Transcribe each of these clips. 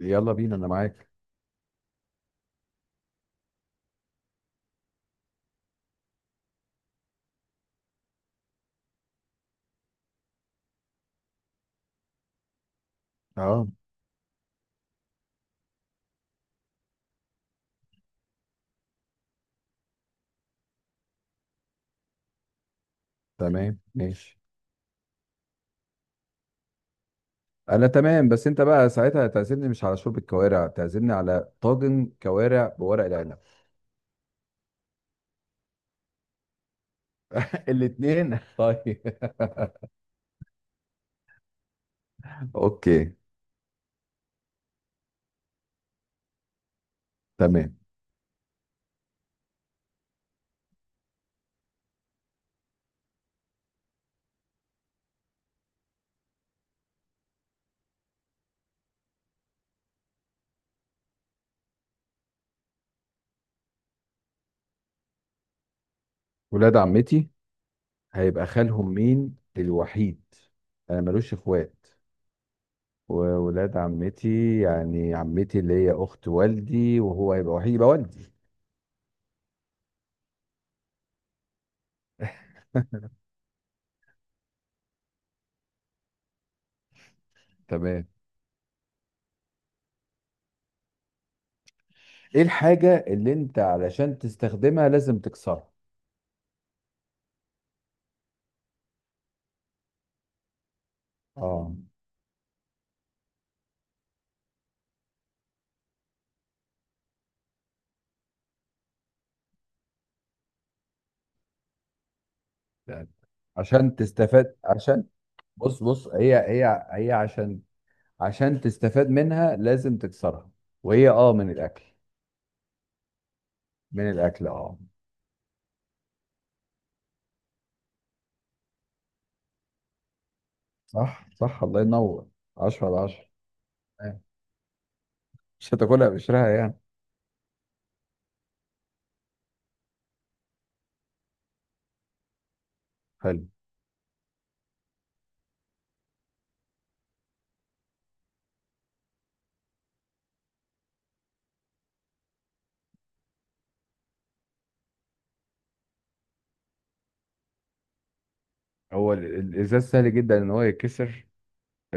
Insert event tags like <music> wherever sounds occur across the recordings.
يلا بينا، انا معاك. اه، تمام، ماشي. انا تمام، بس انت بقى ساعتها هتعزمني مش على شوربة كوارع، تعزمني على طاجن كوارع بورق العنب. <laughs> الاتنين <laughs> طيب. <laughs> اوكي. تمام. ولاد عمتي هيبقى خالهم مين الوحيد؟ انا ملوش اخوات. وولاد عمتي، يعني عمتي اللي هي اخت والدي، وهو هيبقى وحيد يبقى والدي. تمام. ايه الحاجة اللي انت علشان تستخدمها لازم تكسرها؟ اه. يعني عشان تستفاد، عشان... بص، بص، هي عشان تستفاد منها لازم تكسرها. وهي، من الاكل. من الاكل، اه. صح، صح، الله ينور. 10 على 10. آه. مش هتاكلها بقشرها، يعني. حلو. هو الازاز سهل جدا ان هو يتكسر،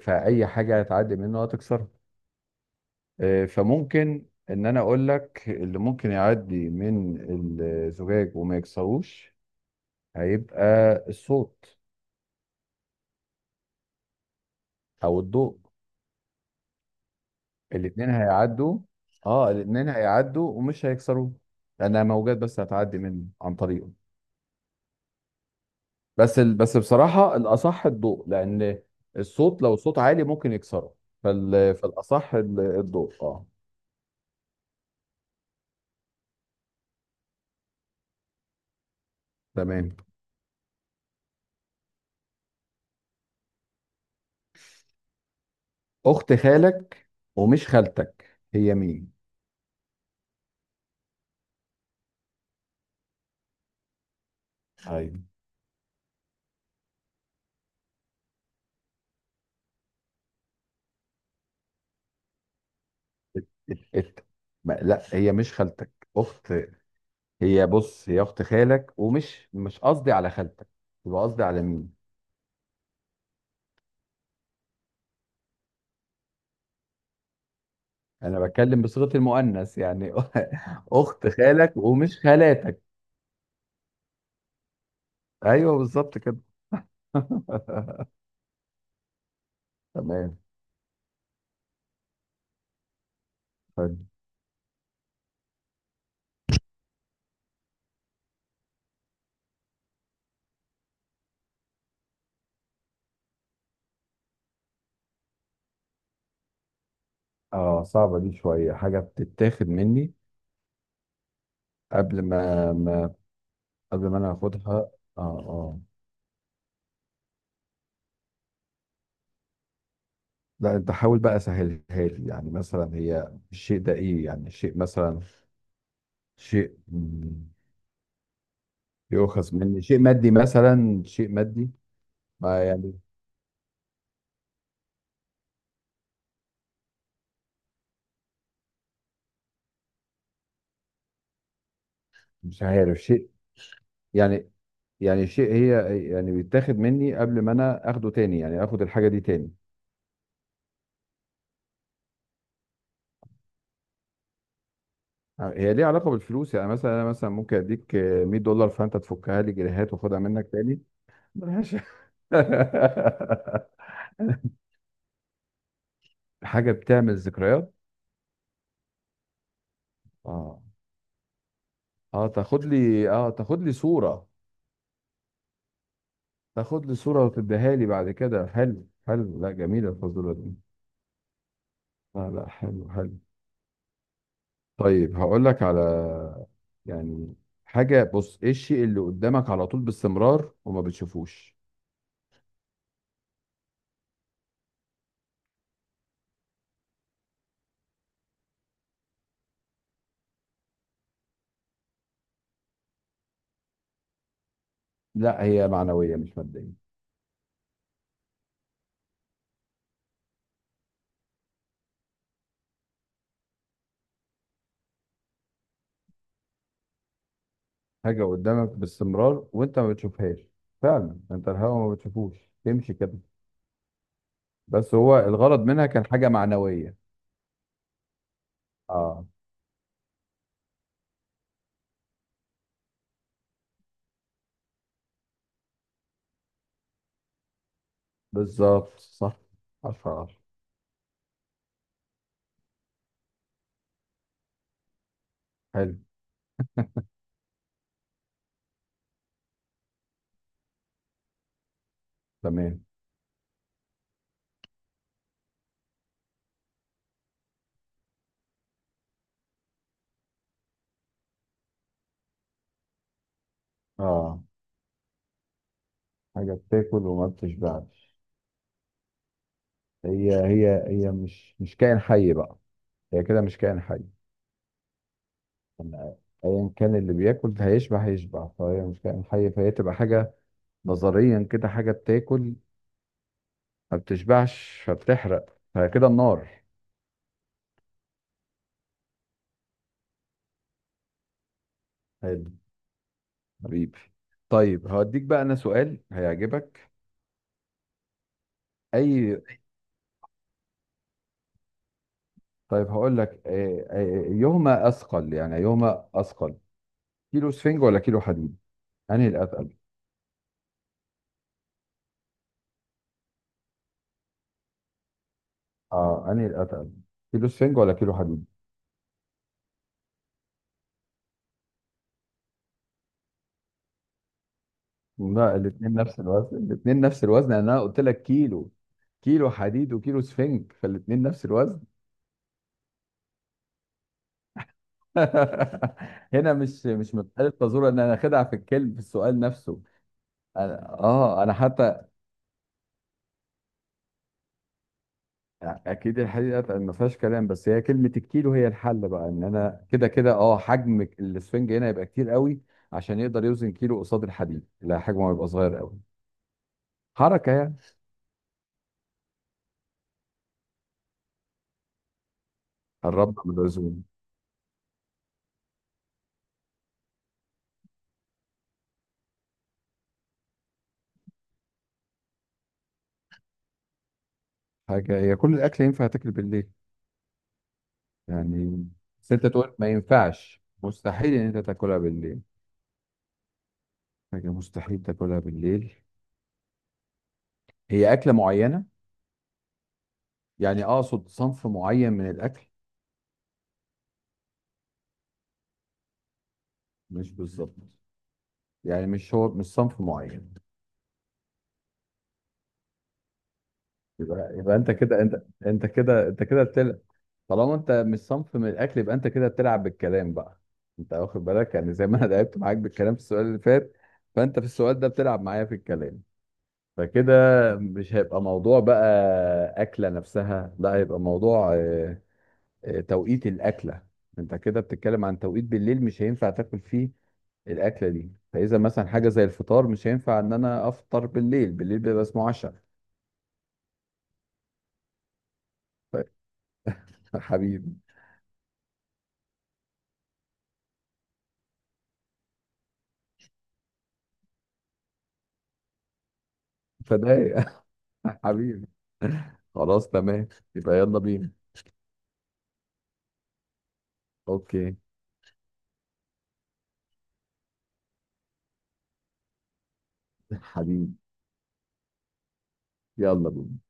فاي حاجه هتعدي منه هتكسرها. فممكن ان انا اقول لك اللي ممكن يعدي من الزجاج وما يكسروش، هيبقى الصوت او الضوء. الاتنين هيعدوا. اه، الاتنين هيعدوا ومش هيكسروه، لانها موجات بس هتعدي منه عن طريقه. بس بصراحه الاصح الضوء، لان الصوت لو صوت عالي ممكن يكسره. فالاصح الضوء، اه. تمام. اخت خالك ومش خالتك، هي مين؟ ايوه. ات... ات... ات... ما... لا، هي مش خالتك اخت. هي، بص، هي اخت خالك، ومش مش قصدي على خالتك. يبقى قصدي على مين؟ انا بتكلم بصيغة المؤنث، يعني. <laughs> اخت خالك ومش خالاتك. ايوه، بالظبط كده. <laughs> تمام. حلو. اه، صعبة دي شوية. حاجة بتتاخد مني قبل ما, ما قبل ما انا اخدها، اه. اه. لا، انت حاول بقى سهلها لي. يعني مثلا، هي الشيء ده ايه يعني؟ شيء مثلا، شيء، يؤخذ مني شيء مادي مثلا، شيء مادي. ما يعني. مش عارف، شيء. يعني يعني شيء، هي، يعني بيتاخد مني قبل ما انا اخده تاني، يعني اخد الحاجه دي تاني. هي ليها علاقه بالفلوس؟ يعني مثلا، انا مثلا ممكن اديك 100 دولار فانت تفكها لي جنيهات واخدها منك تاني. ملهاش. <laughs> حاجه بتعمل ذكريات. اه. اه، تاخد لي صوره. تاخد لي صوره وتديها لي بعد كده. حلو، حلو، لا جميله الفزوره دي. لا، لا، حلو، حلو. طيب هقول لك على، يعني، حاجة. بص، ايه الشيء اللي قدامك على طول باستمرار وما بتشوفوش؟ لا، هي معنوية مش مادية. حاجة قدامك باستمرار وانت ما بتشوفهاش. فعلا انت الهوا ما بتشوفوش، تمشي كده. بس هو الغرض منها كان حاجة معنوية. اه، بالظبط صح. 10 على 10. حلو. تمام. اه، حاجة بتاكل وما بتشبعش. هي مش كائن حي بقى. هي كده مش كائن حي. يعني ايا كان اللي بياكل ده هيشبع، فهي مش كائن حي، فهي تبقى حاجه. نظريا كده، حاجه بتاكل ما بتشبعش، فبتحرق، فكده النار. حلو. حبيبي. طيب هوديك بقى انا سؤال هيعجبك. اي. طيب هقول لك، ايهما اثقل، يعني ايهما اثقل، كيلو سفنج ولا كيلو حديد؟ انهي الاتقل؟ اه، انهي الاتقل، كيلو سفنج ولا كيلو حديد؟ لا، الاثنين نفس الوزن، الاثنين نفس الوزن، يعني انا قلت لك كيلو. كيلو حديد وكيلو سفنج، فالاثنين نفس الوزن. <laughs> هنا مش مسألة تزور، ان انا اخدها في الكلم في السؤال نفسه. أنا اه انا حتى اكيد الحديد اتقل، ما فيهاش كلام. بس هي كلمة الكيلو هي الحل بقى، ان انا كده كده حجم السفنج هنا يبقى كتير قوي، عشان يقدر يوزن كيلو قصاد الحديد. لا، حجمه هيبقى صغير قوي. حركة يعني. قربنا من الوزن. حاجة، هي كل الاكل ينفع تاكل بالليل؟ يعني بس انت تقول ما ينفعش، مستحيل ان انت تاكلها بالليل. حاجة مستحيل تاكلها بالليل. هي أكلة معينة؟ يعني أقصد صنف معين من الأكل. مش بالظبط، يعني، مش، هو مش صنف معين. يبقى أنت كده بتلعب. طالما أنت مش صنف من الأكل، يبقى أنت كده بتلعب بالكلام بقى. أنت واخد بالك؟ يعني زي ما أنا لعبت معاك بالكلام في السؤال اللي فات، فأنت في السؤال ده بتلعب معايا في الكلام. فكده مش هيبقى موضوع بقى أكلة نفسها، لا هيبقى موضوع توقيت الأكلة. انت كده بتتكلم عن توقيت بالليل مش هينفع تاكل فيه الأكلة دي. فإذا مثلا حاجة زي الفطار، مش هينفع إن أنا أفطر بالليل، بالليل بيبقى اسمه عشاء. ف- <laughs> حبيبي. فده. <laughs> حبيبي. خلاص، تمام. يبقى يلا بينا. أوكي. <laughs> حبيبي. يلا بينا.